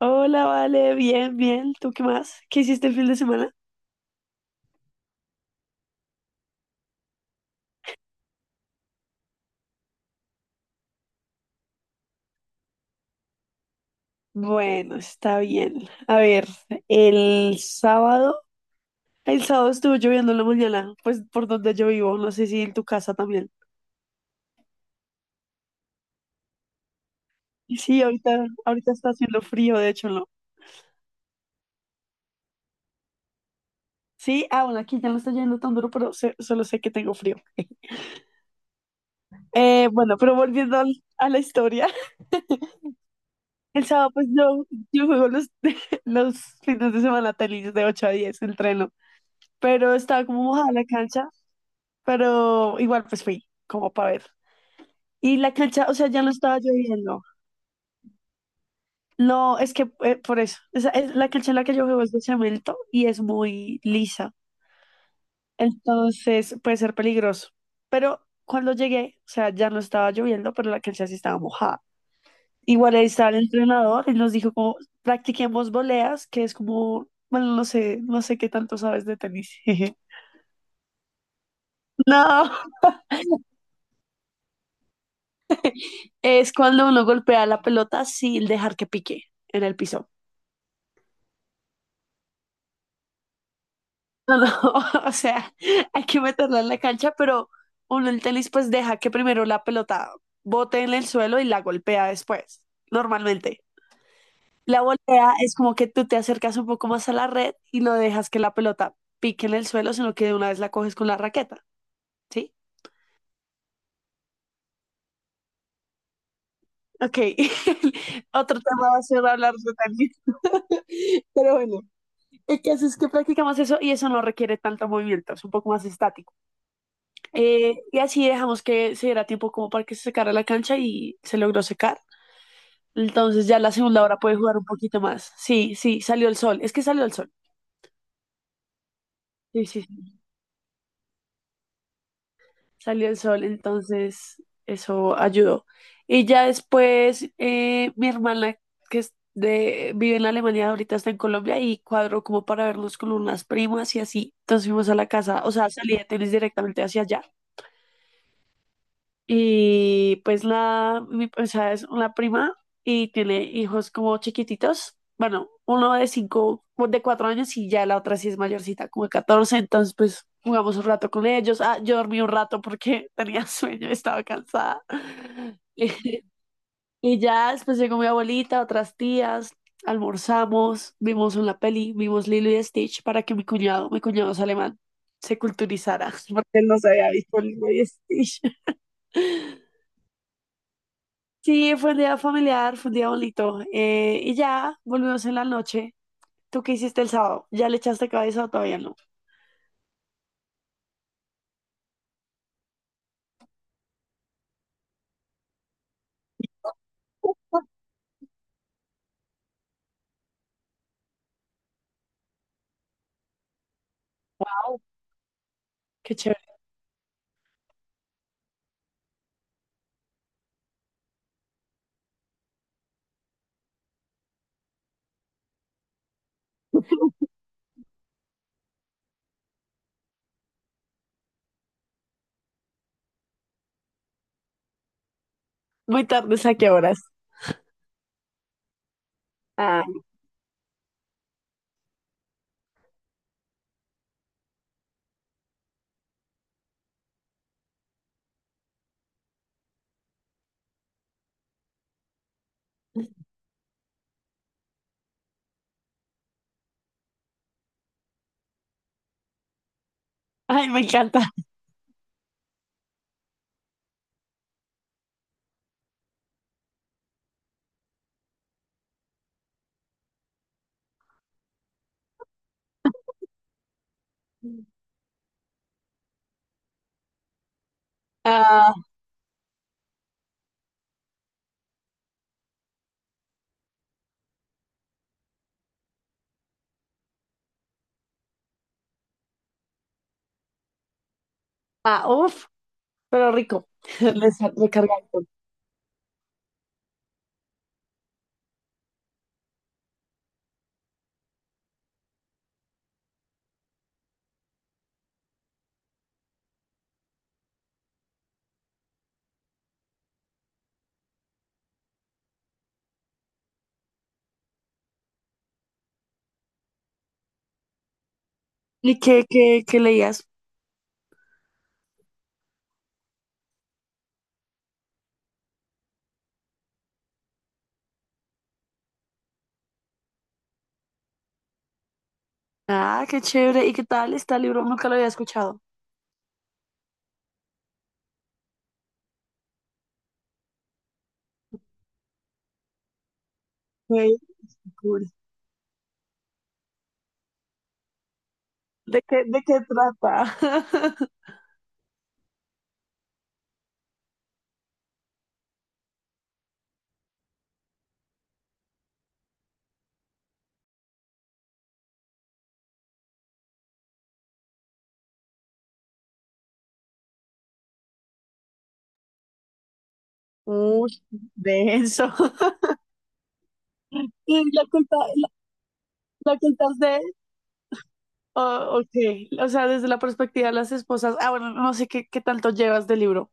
Hola, vale, bien, bien. ¿Tú qué más? ¿Qué hiciste el fin de semana? Bueno, está bien. A ver, el sábado, el sábado estuvo lloviendo en la mañana, pues por donde yo vivo, no sé si en tu casa también. Y sí, ahorita, ahorita está haciendo frío, de hecho, no. Sí, ah, bueno, aquí ya no está lloviendo tan duro, pero solo sé que tengo frío. Bueno, pero volviendo a la historia, el sábado pues yo juego los, los fines de semana tenis de 8 a 10, entreno, pero estaba como mojada la cancha, pero igual pues fui como para ver. Y la cancha, o sea, ya no estaba lloviendo. No, es que por eso, la cancha en la que yo juego es de cemento y es muy lisa, entonces puede ser peligroso. Pero cuando llegué, o sea, ya no estaba lloviendo, pero la cancha sí estaba mojada. Igual ahí estaba el entrenador y nos dijo como practiquemos voleas, que es como, bueno, no sé, no sé qué tanto sabes de tenis. No, es cuando uno golpea la pelota sin dejar que pique en el piso. No, no, o sea, hay que meterla en la cancha, pero uno el tenis pues deja que primero la pelota bote en el suelo y la golpea después, normalmente. La volea es como que tú te acercas un poco más a la red y no dejas que la pelota pique en el suelo, sino que de una vez la coges con la raqueta, ¿sí? Ok, otro tema va a ser hablar de tenis. Pero bueno, el caso es que practicamos eso y eso no requiere tanto movimiento, es un poco más estático. Y así dejamos que se diera tiempo como para que se secara la cancha y se logró secar. Entonces ya la segunda hora puede jugar un poquito más. Sí, sí, salió el sol. Es que salió el sol. Sí, sí, sí, salió el sol. Entonces eso ayudó. Y ya después mi hermana que es de, vive en Alemania, ahorita está en Colombia y cuadró como para vernos con unas primas y así. Entonces fuimos a la casa, o sea, salí de tenis directamente hacia allá. Y pues nada, mi, o sea, es una prima y tiene hijos como chiquititos. Bueno, uno de 5, o de 4 años y ya la otra sí es mayorcita, como de 14. Entonces, pues jugamos un rato con ellos. Ah, yo dormí un rato porque tenía sueño, estaba cansada. Y y ya después llegó mi abuelita, otras tías, almorzamos, vimos una peli, vimos Lilo y Stitch para que mi cuñado es alemán, se culturizara, porque él no se había visto Lilo y Stitch. Sí, fue un día familiar, fue un día bonito. Y ya volvimos en la noche. ¿Tú qué hiciste el sábado? ¿Ya le echaste cabeza o todavía no? Wow, qué chévere. Muy tarde, ¿a qué horas? Ah, ay, me encanta. Ah, ah, uf, pero rico. Recargado. ¿Y qué, qué, qué leías? Ah, qué chévere. ¿Y qué tal este libro? Nunca lo había escuchado. Qué cool. De qué trata? Uy, denso. Y la culpa, la culpas de, oh, ok, o sea, desde la perspectiva de las esposas, ah, bueno, no sé qué, qué tanto llevas del libro.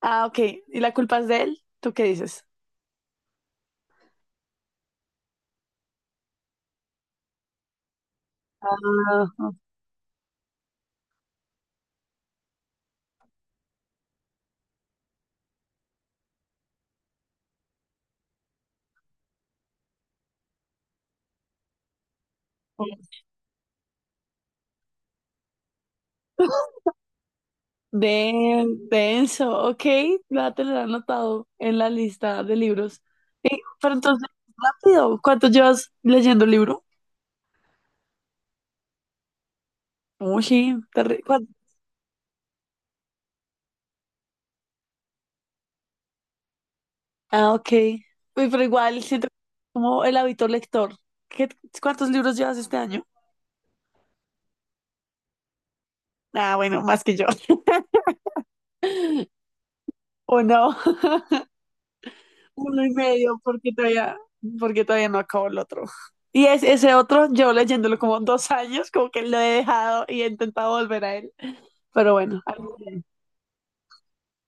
Ah, ok, ¿y la culpa es de él? ¿Tú qué dices? Ah, de, denso, ok, la te lo he anotado en la lista de libros. Eh, pero entonces, rápido, ¿cuánto llevas leyendo el libro? Uy, sí, ah, ok. Uy, pero igual siento como el hábito lector. ¿Qué, cuántos libros llevas este año? Ah, bueno, más que yo. O no, uno y medio, porque todavía no acabo el otro. Y es ese otro, yo leyéndolo como dos años, como que lo he dejado y he intentado volver a él. Pero bueno, algún día.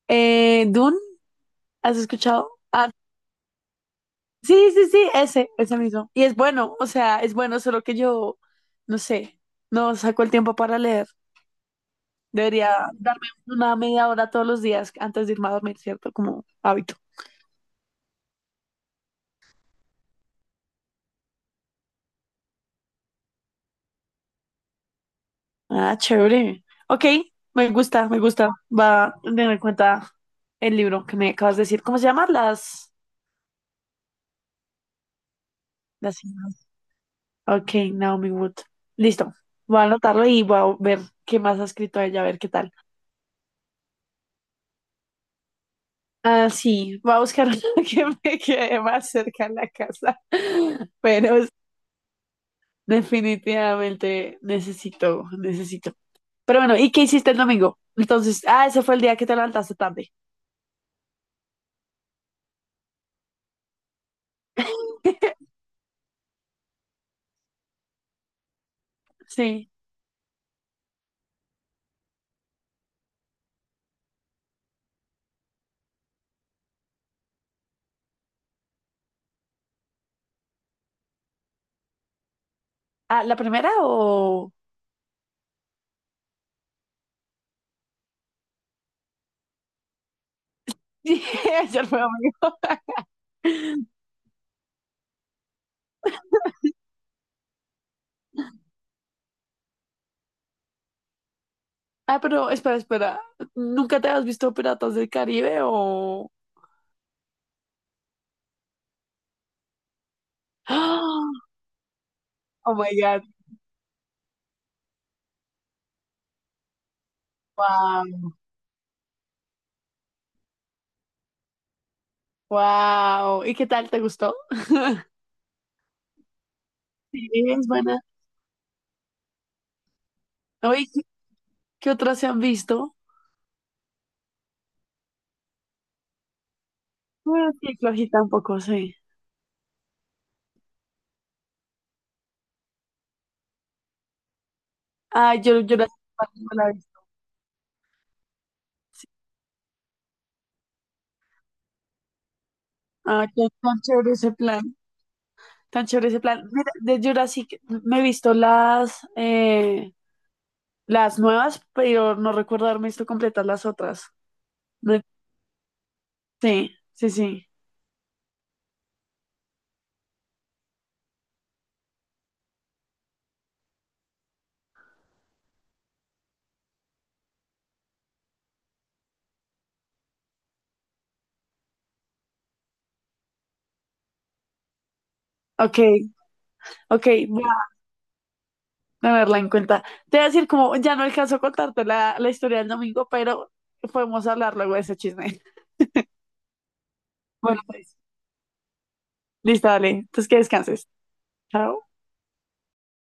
Dune, ¿has escuchado? Ah, sí, sí, sí, ese mismo. Y es bueno, o sea, es bueno, solo que yo, no sé, no saco el tiempo para leer. Debería darme una media 1/2 hora todos los días antes de irme a dormir, ¿cierto? Como hábito. Ah, chévere. Ok, me gusta, me gusta. Va a tener en cuenta el libro que me acabas de decir. ¿Cómo se llama? Las... siglas. Ok, Naomi Wood. Listo. Voy a anotarlo y voy a ver qué más ha escrito ella, a ver qué tal. Ah, sí, voy a buscar una que me quede más cerca de la casa. Pero es- definitivamente necesito, necesito. Pero bueno, ¿y qué hiciste el domingo? Entonces, ah, ese fue el día que te levantaste tarde. Sí. Ah, ¿la primera o...? Sí, ayer fue domingo. Ah, pero espera, espera. ¿Nunca te has visto Piratas del Caribe o...? ¡Ah! Oh my God, wow, wow. ¿Y qué tal? ¿Te gustó? Sí, es buena. Oye, ¿qué, qué otras se han visto? Bueno, sí, flojita un poco sí. Ah, yo, Jurassic Park no la he visto. Sí. Ah, qué tan chévere ese plan. Tan chévere ese plan. Mira, de Jurassic me he visto las nuevas, pero no recuerdo haberme visto completas las otras. No, sí, sí, sí. Ok, ok, voy a tenerla en cuenta. Te voy a decir, como ya no alcanzo a contarte la, la historia del domingo, pero podemos hablar luego de ese chisme. Bueno, pues, listo, dale. Entonces que descanses. Chao.